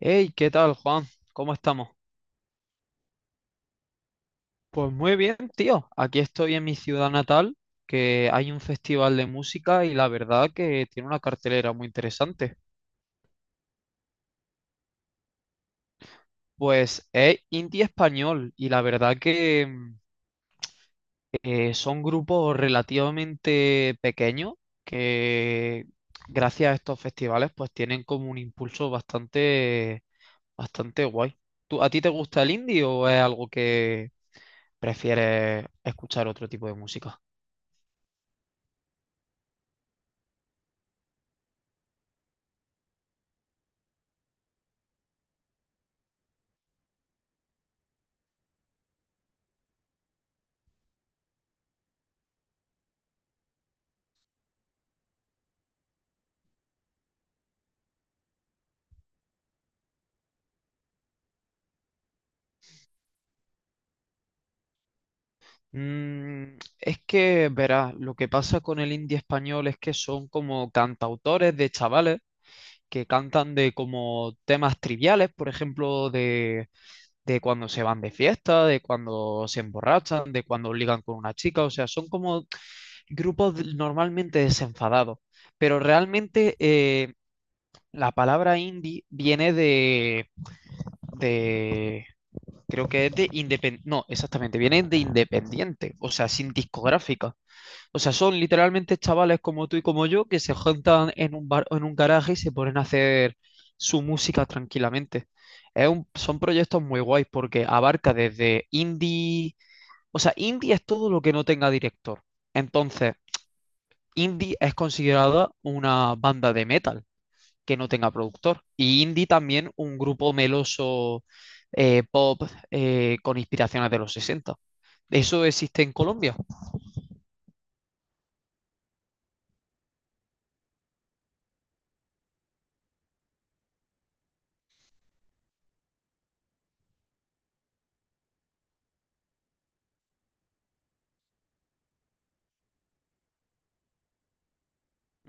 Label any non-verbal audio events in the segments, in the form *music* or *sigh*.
Hey, ¿qué tal, Juan? ¿Cómo estamos? Pues muy bien, tío. Aquí estoy en mi ciudad natal, que hay un festival de música y la verdad que tiene una cartelera muy interesante. Pues es indie español y la verdad que son grupos relativamente pequeños que gracias a estos festivales pues tienen como un impulso bastante, bastante guay. ¿A ti te gusta el indie o es algo que prefieres escuchar otro tipo de música? Es que, verás, lo que pasa con el indie español es que son como cantautores de chavales que cantan de como temas triviales, por ejemplo, de cuando se van de fiesta, de cuando se emborrachan, de cuando ligan con una chica, o sea, son como normalmente desenfadados, pero realmente la palabra indie viene de, creo que es de independiente, no, exactamente, viene de independiente, o sea, sin discográfica. O sea, son literalmente chavales como tú y como yo que se juntan en un bar o en un garaje y se ponen a hacer su música tranquilamente. Es son proyectos muy guays porque abarca desde indie, o sea, indie es todo lo que no tenga director. Entonces, indie es considerada una banda de metal que no tenga productor. Y indie también un grupo meloso pop con inspiraciones de los 60. ¿Eso existe en Colombia?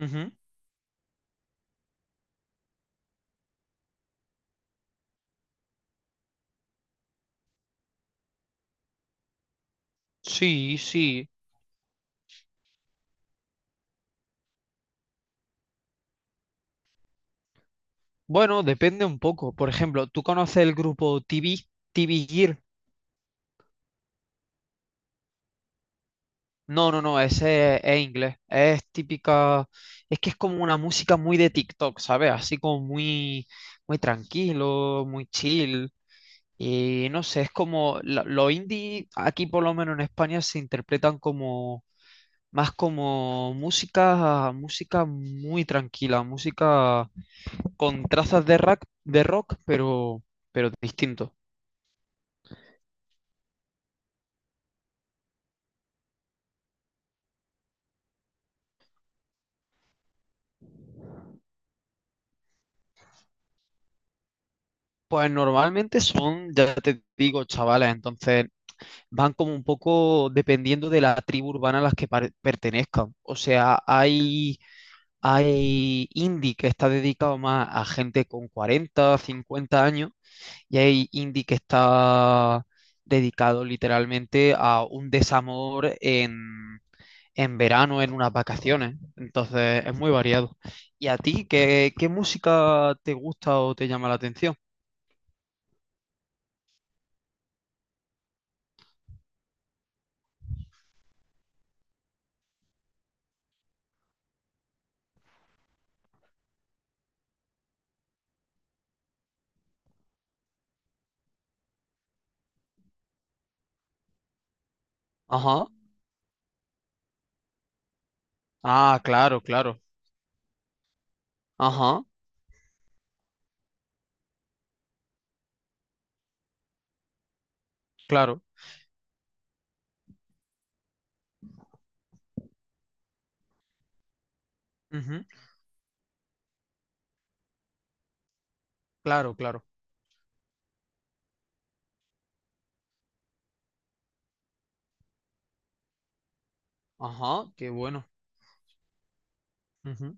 Ujú. Sí, sí. Bueno, depende un poco. Por ejemplo, ¿tú conoces el grupo TV Gear? No, no, no, ese es inglés. Es típica, es que es como una música muy de TikTok, ¿sabes? Así como muy, muy tranquilo, muy chill. Y no sé, es como los indie, aquí por lo menos en España, se interpretan como más como música muy tranquila, música con trazas de rock, pero distinto. Pues normalmente son, ya te digo, chavales, entonces van como un poco dependiendo de la tribu urbana a las que pertenezcan. O sea, hay indie que está dedicado más a gente con 40, 50 años y hay indie que está dedicado literalmente a un desamor en verano, en unas vacaciones. Entonces es muy variado. ¿Y a ti qué música te gusta o te llama la atención? Ajá. Ah, claro, claro. Ajá, claro. Ujú. Claro, claro. Ajá, qué bueno. Ujú.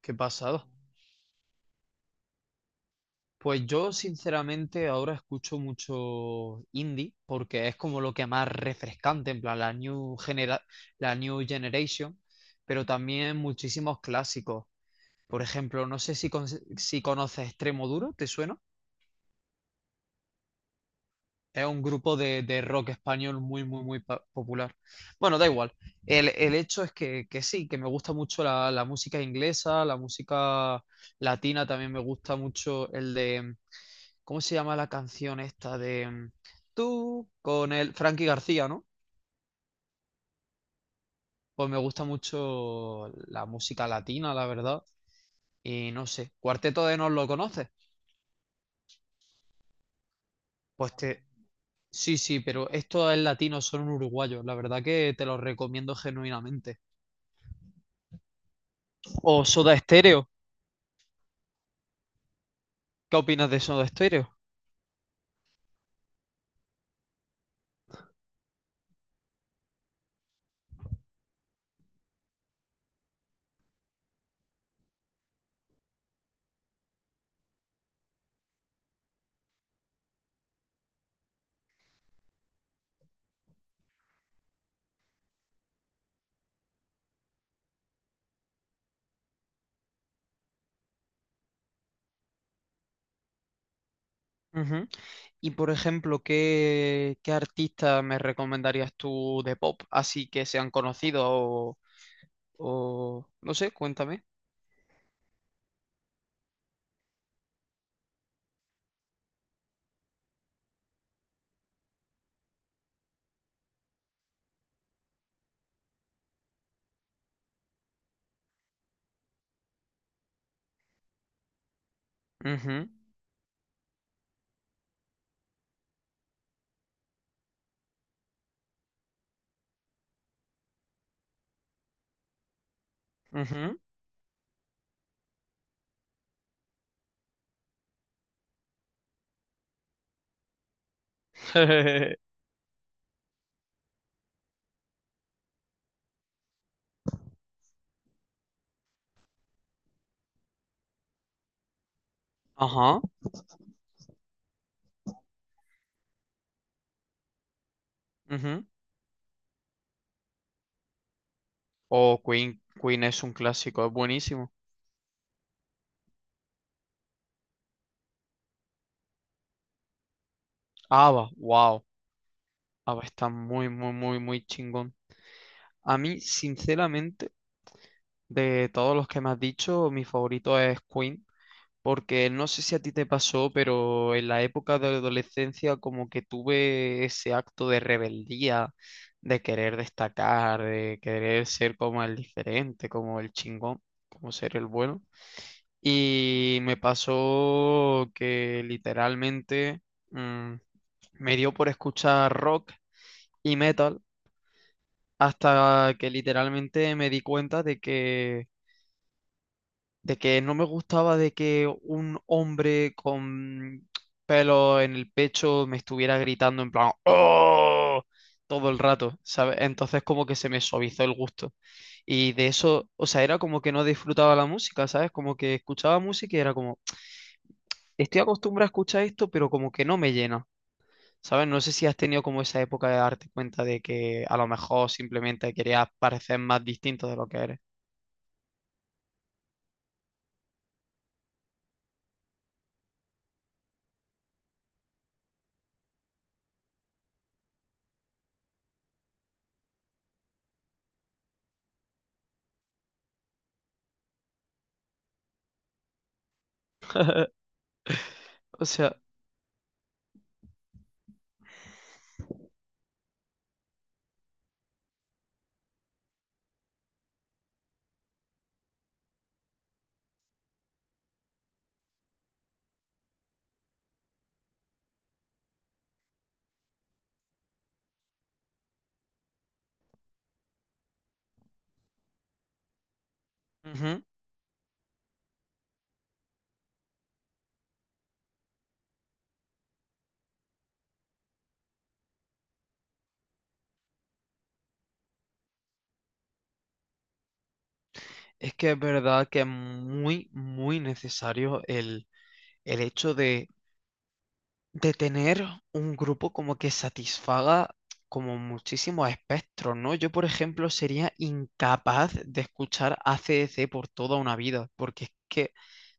Qué pasado. Pues yo, sinceramente, ahora escucho mucho indie porque es como lo que más refrescante, en plan, la new generation, pero también muchísimos clásicos. Por ejemplo, no sé si conoces Extremoduro, ¿te suena? Es un grupo de rock español muy, muy, muy popular. Bueno, da igual. El hecho es que sí, que me gusta mucho la música inglesa, la música latina también me gusta mucho el de, ¿cómo se llama la canción esta de tú con el Frankie García, ¿no? Pues me gusta mucho la música latina, la verdad. Y no sé, Cuarteto de Nos lo conoces. Pues te... Sí, sí, pero esto es latino, son uruguayos. La verdad que te los recomiendo genuinamente. O Soda Stereo. ¿Qué opinas de Soda Stereo? Ujú. Y por ejemplo, ¿qué artista me recomendarías tú de pop? Así que sean conocidos o no sé, cuéntame. Ujú, ujú. *laughs* Ajá. Ujú. O Queen. Queen es un clásico, es buenísimo. ABBA, wow. ABBA está muy, muy, muy, muy chingón. A mí, sinceramente, de todos los que me has dicho, mi favorito es Queen. Porque no sé si a ti te pasó, pero en la época de adolescencia como que tuve ese acto de rebeldía, de querer destacar, de querer ser como el diferente, como el chingón, como ser el bueno. Y me pasó que literalmente mm, me dio por escuchar rock y metal hasta que literalmente me di cuenta de que no me gustaba de que un hombre con pelo en el pecho me estuviera gritando en plan ¡Oh! todo el rato, ¿sabes? Entonces como que se me suavizó el gusto. Y de eso, o sea, era como que no disfrutaba la música, ¿sabes? Como que escuchaba música y era como, estoy acostumbrado a escuchar esto, pero como que no me llena, ¿sabes? No sé si has tenido como esa época de darte cuenta de que a lo mejor simplemente querías parecer más distinto de lo que eres. O sea... Ujú. Es que es verdad que es muy, muy necesario el hecho de tener un grupo como que satisfaga como muchísimos espectros, ¿no? Yo, por ejemplo, sería incapaz de escuchar AC/DC por toda una vida, porque es que,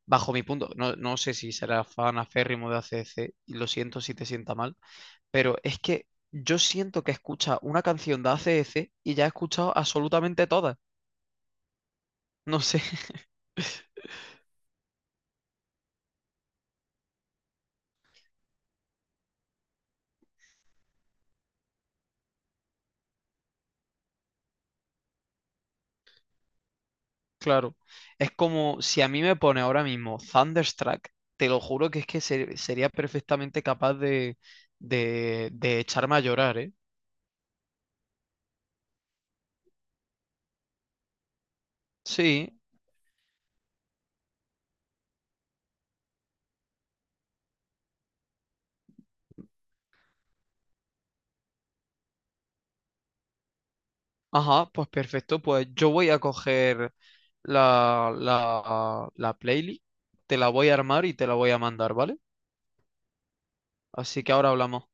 bajo mi punto, no, no sé si será fan aférrimo de AC/DC, y lo siento si te sienta mal, pero es que yo siento que escucha una canción de AC/DC y ya he escuchado absolutamente todas, no sé. *laughs* Claro, es como si a mí me pone ahora mismo Thunderstruck, te lo juro que es que sería perfectamente capaz de echarme a llorar, ¿eh? Sí, ajá, pues perfecto, pues yo voy a coger la playlist, te la voy a armar y te la voy a mandar, ¿vale? Así que ahora hablamos.